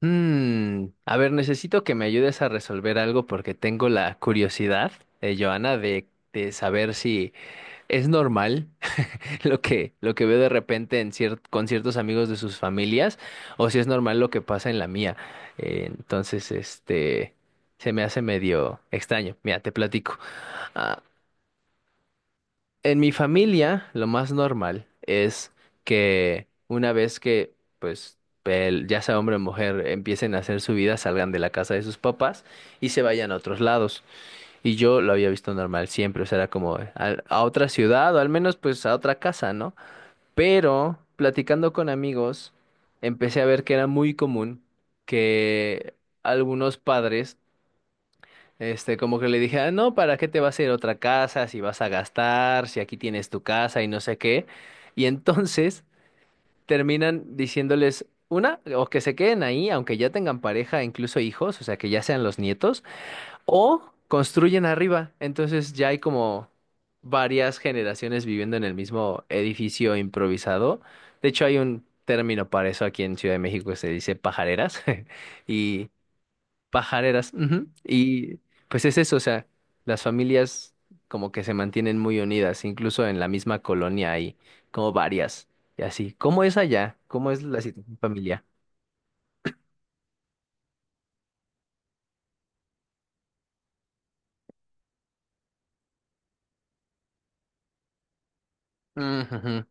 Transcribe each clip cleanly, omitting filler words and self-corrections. A ver, necesito que me ayudes a resolver algo porque tengo la curiosidad, Joana, de saber si es normal lo que veo de repente en con ciertos amigos de sus familias o si es normal lo que pasa en la mía. Entonces, se me hace medio extraño. Mira, te platico. Ah, en mi familia, lo más normal es que una vez que, pues, ya sea hombre o mujer, empiecen a hacer su vida, salgan de la casa de sus papás y se vayan a otros lados. Y yo lo había visto normal siempre, o sea, era como a otra ciudad o al menos, pues, a otra casa, ¿no? Pero platicando con amigos, empecé a ver que era muy común que algunos padres como que le dije, ah, no, ¿para qué te vas a ir a otra casa si vas a gastar, si aquí tienes tu casa y no sé qué? Y entonces terminan diciéndoles, una, o que se queden ahí, aunque ya tengan pareja, incluso hijos, o sea, que ya sean los nietos, o construyen arriba. Entonces ya hay como varias generaciones viviendo en el mismo edificio improvisado. De hecho, hay un término para eso aquí en Ciudad de México que se dice pajareras. Y pajareras, ujú. Y pues es eso, o sea, las familias como que se mantienen muy unidas, incluso en la misma colonia hay como varias y así. ¿Cómo es allá? ¿Cómo es la situación familiar? Ujujú,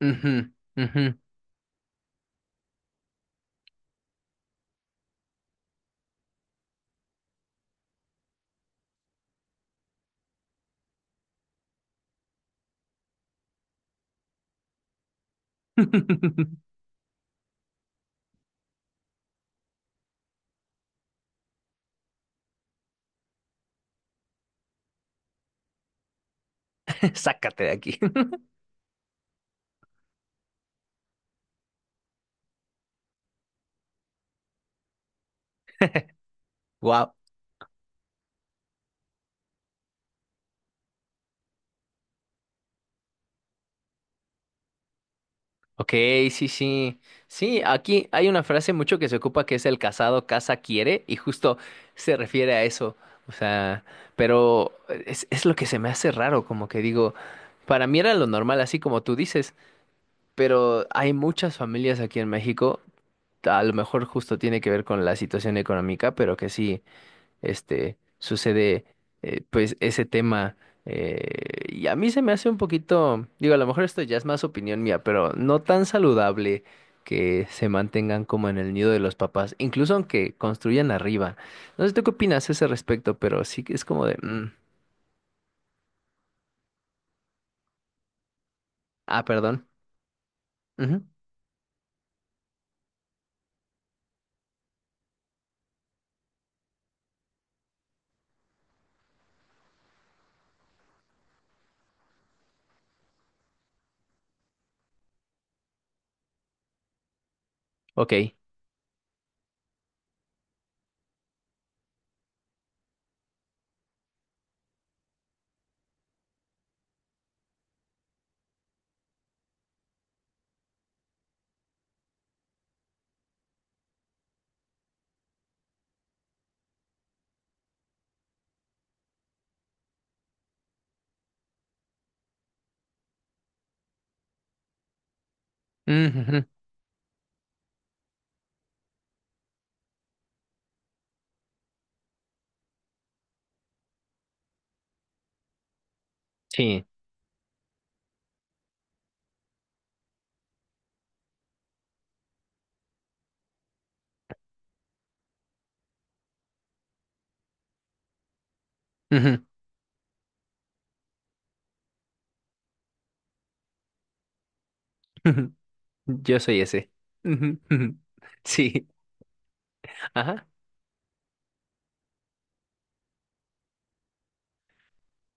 ujú, ujú. Sácate de aquí. Wow. Ok, sí, sí. Sí, aquí hay una frase mucho que se ocupa que es el casado casa quiere y justo se refiere a eso. O sea, pero es lo que se me hace raro, como que digo, para mí era lo normal, así como tú dices, pero hay muchas familias aquí en México, a lo mejor justo tiene que ver con la situación económica, pero que sí sucede, pues ese tema. eh, y a mí se me hace un poquito, digo, a lo mejor esto ya es más opinión mía, pero no tan saludable que se mantengan como en el nido de los papás, incluso aunque construyan arriba. No sé tú qué opinas a ese respecto, pero sí que es como de, perdón. Ujú, ok. Ujú, ujú, sí. Ujú, ujú, yo soy ese. Ujú, ujú, sí. Ajá.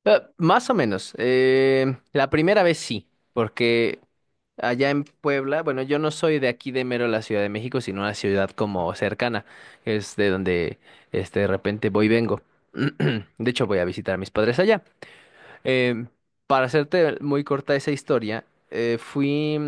Más o menos. La primera vez sí, porque allá en Puebla, bueno, yo no soy de aquí de mero la Ciudad de México, sino una ciudad como cercana, que es de donde de repente voy y vengo. De hecho, voy a visitar a mis padres allá. Em, para hacerte muy corta esa historia, fui.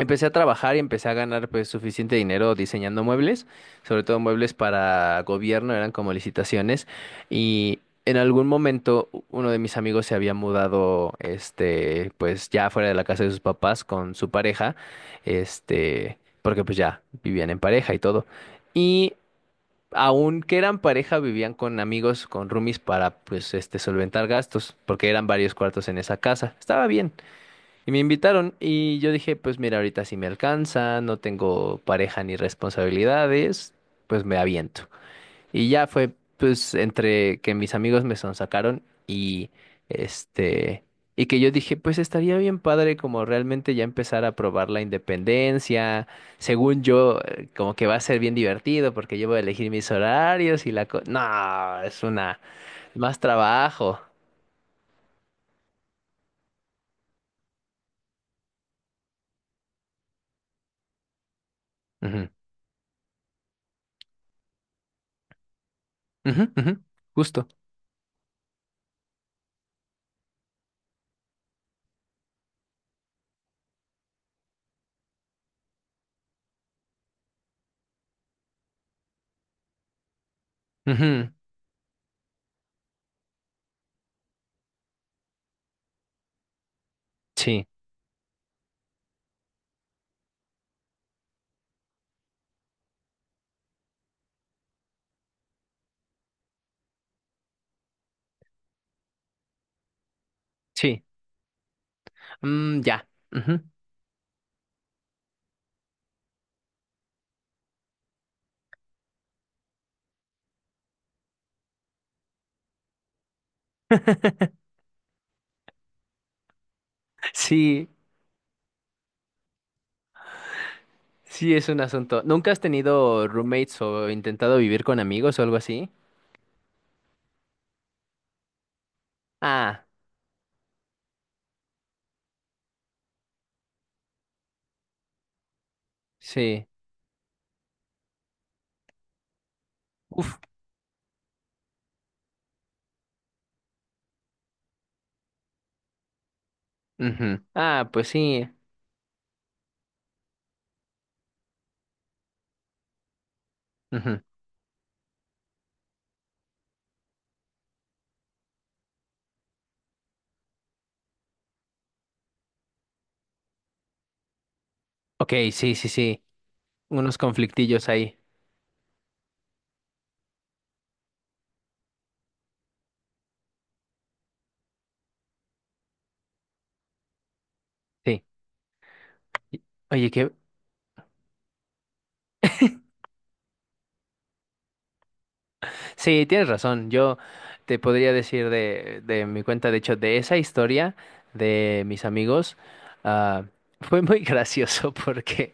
Empecé a trabajar y empecé a ganar pues suficiente dinero diseñando muebles, sobre todo muebles para gobierno, eran como licitaciones y en algún momento uno de mis amigos se había mudado, pues ya fuera de la casa de sus papás con su pareja, porque pues ya vivían en pareja y todo. Y aunque eran pareja vivían con amigos, con roomies para pues solventar gastos, porque eran varios cuartos en esa casa. Estaba bien. Y me invitaron y yo dije, pues mira, ahorita sí me alcanza, no tengo pareja ni responsabilidades, pues me aviento. Y ya fue, pues, entre que mis amigos me sonsacaron y este, y que yo dije, pues estaría bien padre como realmente ya empezar a probar la independencia. Según yo, como que va a ser bien divertido porque yo voy a elegir mis horarios y la no, es una, más trabajo. Ujú, ujú, ujú, justo. Ujú, sí, sí. Mm, ya. Ujú. Sí, sí es un asunto. ¿Nunca has tenido roommates o intentado vivir con amigos o algo así? Ah, sí. Uf. Ujú. Ah, pues sí. Ujú. Ok, sí, sí, sí. Unos conflictillos ahí. Sí. Y- Oye, qué, sí, tienes razón. Yo te podría decir de mi cuenta, de hecho, de esa historia de mis amigos, ah, fue muy gracioso porque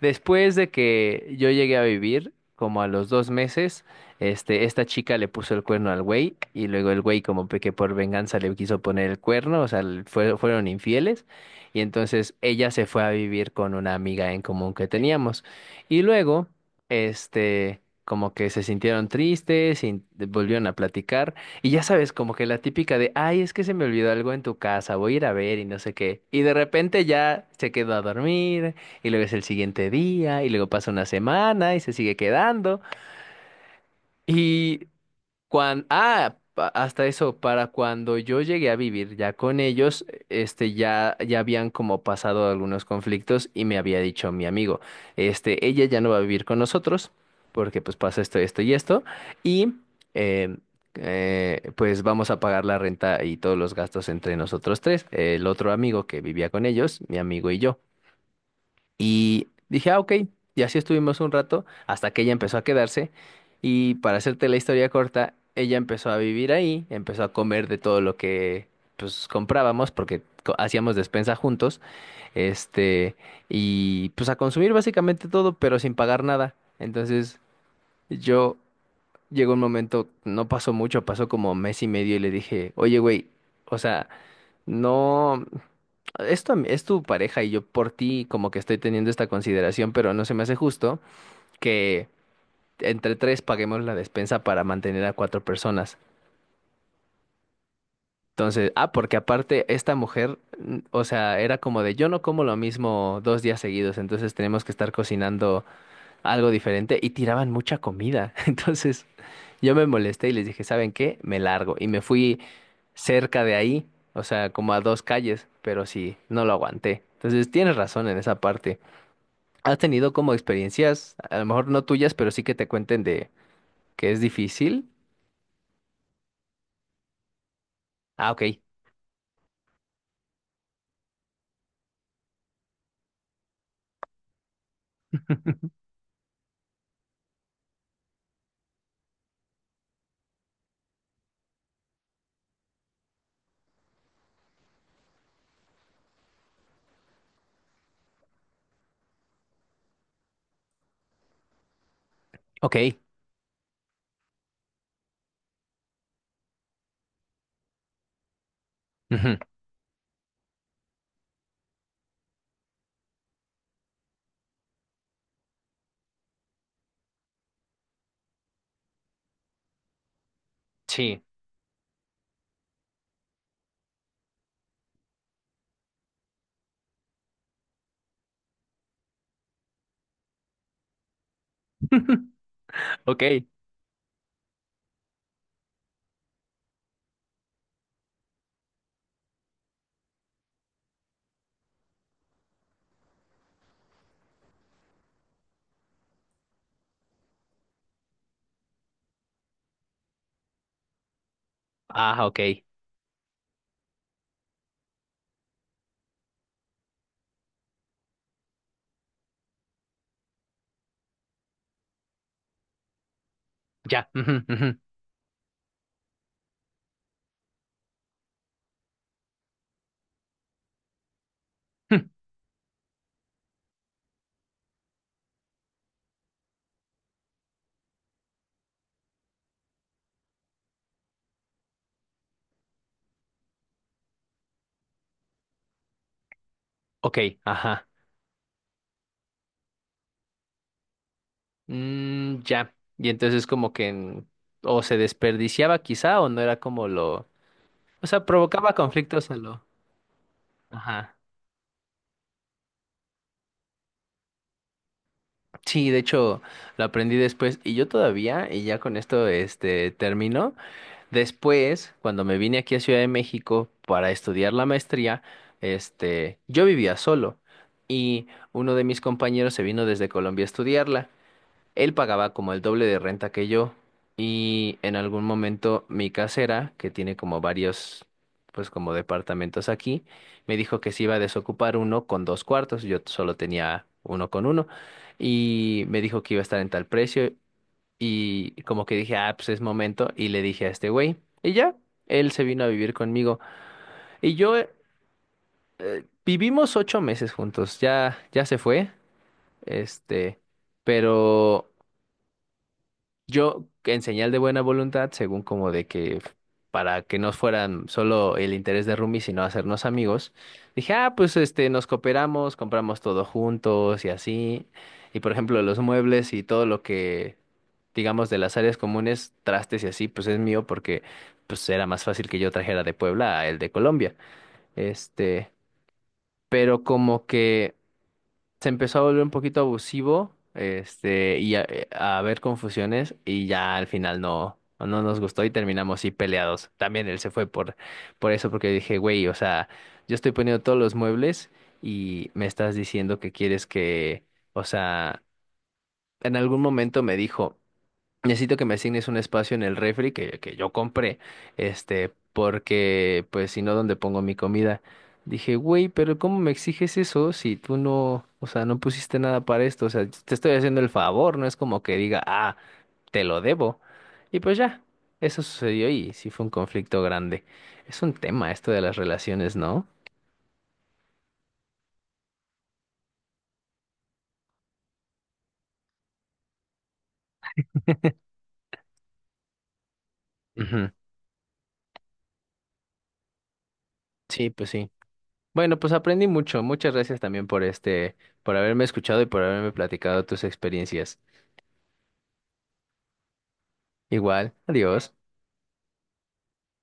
después de que yo llegué a vivir, como a los 2 meses, esta chica le puso el cuerno al güey y luego el güey como que por venganza le quiso poner el cuerno, o sea, le fueron infieles y entonces ella se fue a vivir con una amiga en común que teníamos. Y luego, como que se sintieron tristes y volvieron a platicar. Y ya sabes, como que la típica de, ay, es que se me olvidó algo en tu casa, voy a ir a ver y no sé qué. Y de repente ya se quedó a dormir y luego es el siguiente día y luego pasa una semana y se sigue quedando. y Hasta eso, para cuando yo llegué a vivir ya con ellos, ya habían como pasado algunos conflictos y me había dicho mi amigo, ella ya no va a vivir con nosotros porque pues pasa esto, esto y esto y, eh, pues vamos a pagar la renta y todos los gastos entre nosotros tres, el otro amigo que vivía con ellos, mi amigo y yo. Y dije, ah, ok. Y así estuvimos un rato hasta que ella empezó a quedarse. Y para hacerte la historia corta, ella empezó a vivir ahí, empezó a comer de todo lo que pues comprábamos porque hacíamos despensa juntos, este, y pues a consumir básicamente todo, pero sin pagar nada. Entonces, yo llegó un momento, no pasó mucho, pasó como mes y medio y le dije, oye, güey, o sea, no, esto es tu pareja y yo por ti como que estoy teniendo esta consideración, pero no se me hace justo que entre tres paguemos la despensa para mantener a cuatro personas. Entonces, porque aparte esta mujer, o sea, era como de yo no como lo mismo 2 días seguidos, entonces tenemos que estar cocinando algo diferente y tiraban mucha comida. Entonces yo me molesté y les dije, ¿saben qué? Me largo. Y me fui cerca de ahí, o sea, como a 2 calles, pero sí, no lo aguanté. Entonces tienes razón en esa parte. ¿Has tenido como experiencias, a lo mejor no tuyas, pero sí que te cuenten de que es difícil? Ah, ok, ok. Ujú, sí, ok. Ah, ok. Ya. Ujú, ujú, ujú, ok, ajá. Mm, ya. Y entonces como que o se desperdiciaba quizá o no era como lo... O sea, provocaba conflictos a lo... Ajá. Sí, de hecho lo aprendí después y yo todavía, y ya con esto termino, después cuando me vine aquí a Ciudad de México para estudiar la maestría, yo vivía solo y uno de mis compañeros se vino desde Colombia a estudiarla. Él pagaba como el doble de renta que yo y en algún momento mi casera, que tiene como varios, pues como departamentos aquí, me dijo que se iba a desocupar uno con dos cuartos, yo solo tenía uno con uno y me dijo que iba a estar en tal precio y como que dije, ah, pues es momento y le dije a este güey y ya, él se vino a vivir conmigo y yo vivimos 8 meses juntos, ya se fue, este, pero... Yo, en señal de buena voluntad, según como de que para que no fueran solo el interés de Rumi, sino hacernos amigos, dije, ah, pues nos cooperamos, compramos todo juntos y así. Y por ejemplo, los muebles y todo lo que, digamos, de las áreas comunes, trastes y así, pues es mío porque pues era más fácil que yo trajera de Puebla a el de Colombia. Este, pero como que se empezó a volver un poquito abusivo, y a haber confusiones y ya al final no, no no nos gustó y terminamos sí peleados. También él se fue por eso, porque dije, güey, o sea, yo estoy poniendo todos los muebles y me estás diciendo que quieres que, o sea, en algún momento me dijo. Necesito que me asignes un espacio en el refri que yo compré, porque pues si no, ¿dónde pongo mi comida? Dije, güey, pero ¿cómo me exiges eso si tú no, o sea, no pusiste nada para esto? O sea, te estoy haciendo el favor, no es como que diga, te lo debo. Y pues ya, eso sucedió y sí fue un conflicto grande. Es un tema esto de las relaciones, ¿no? Ujú. Sí, pues sí. Bueno, pues aprendí mucho. Muchas gracias también por por haberme escuchado y por haberme platicado tus experiencias. Igual, adiós.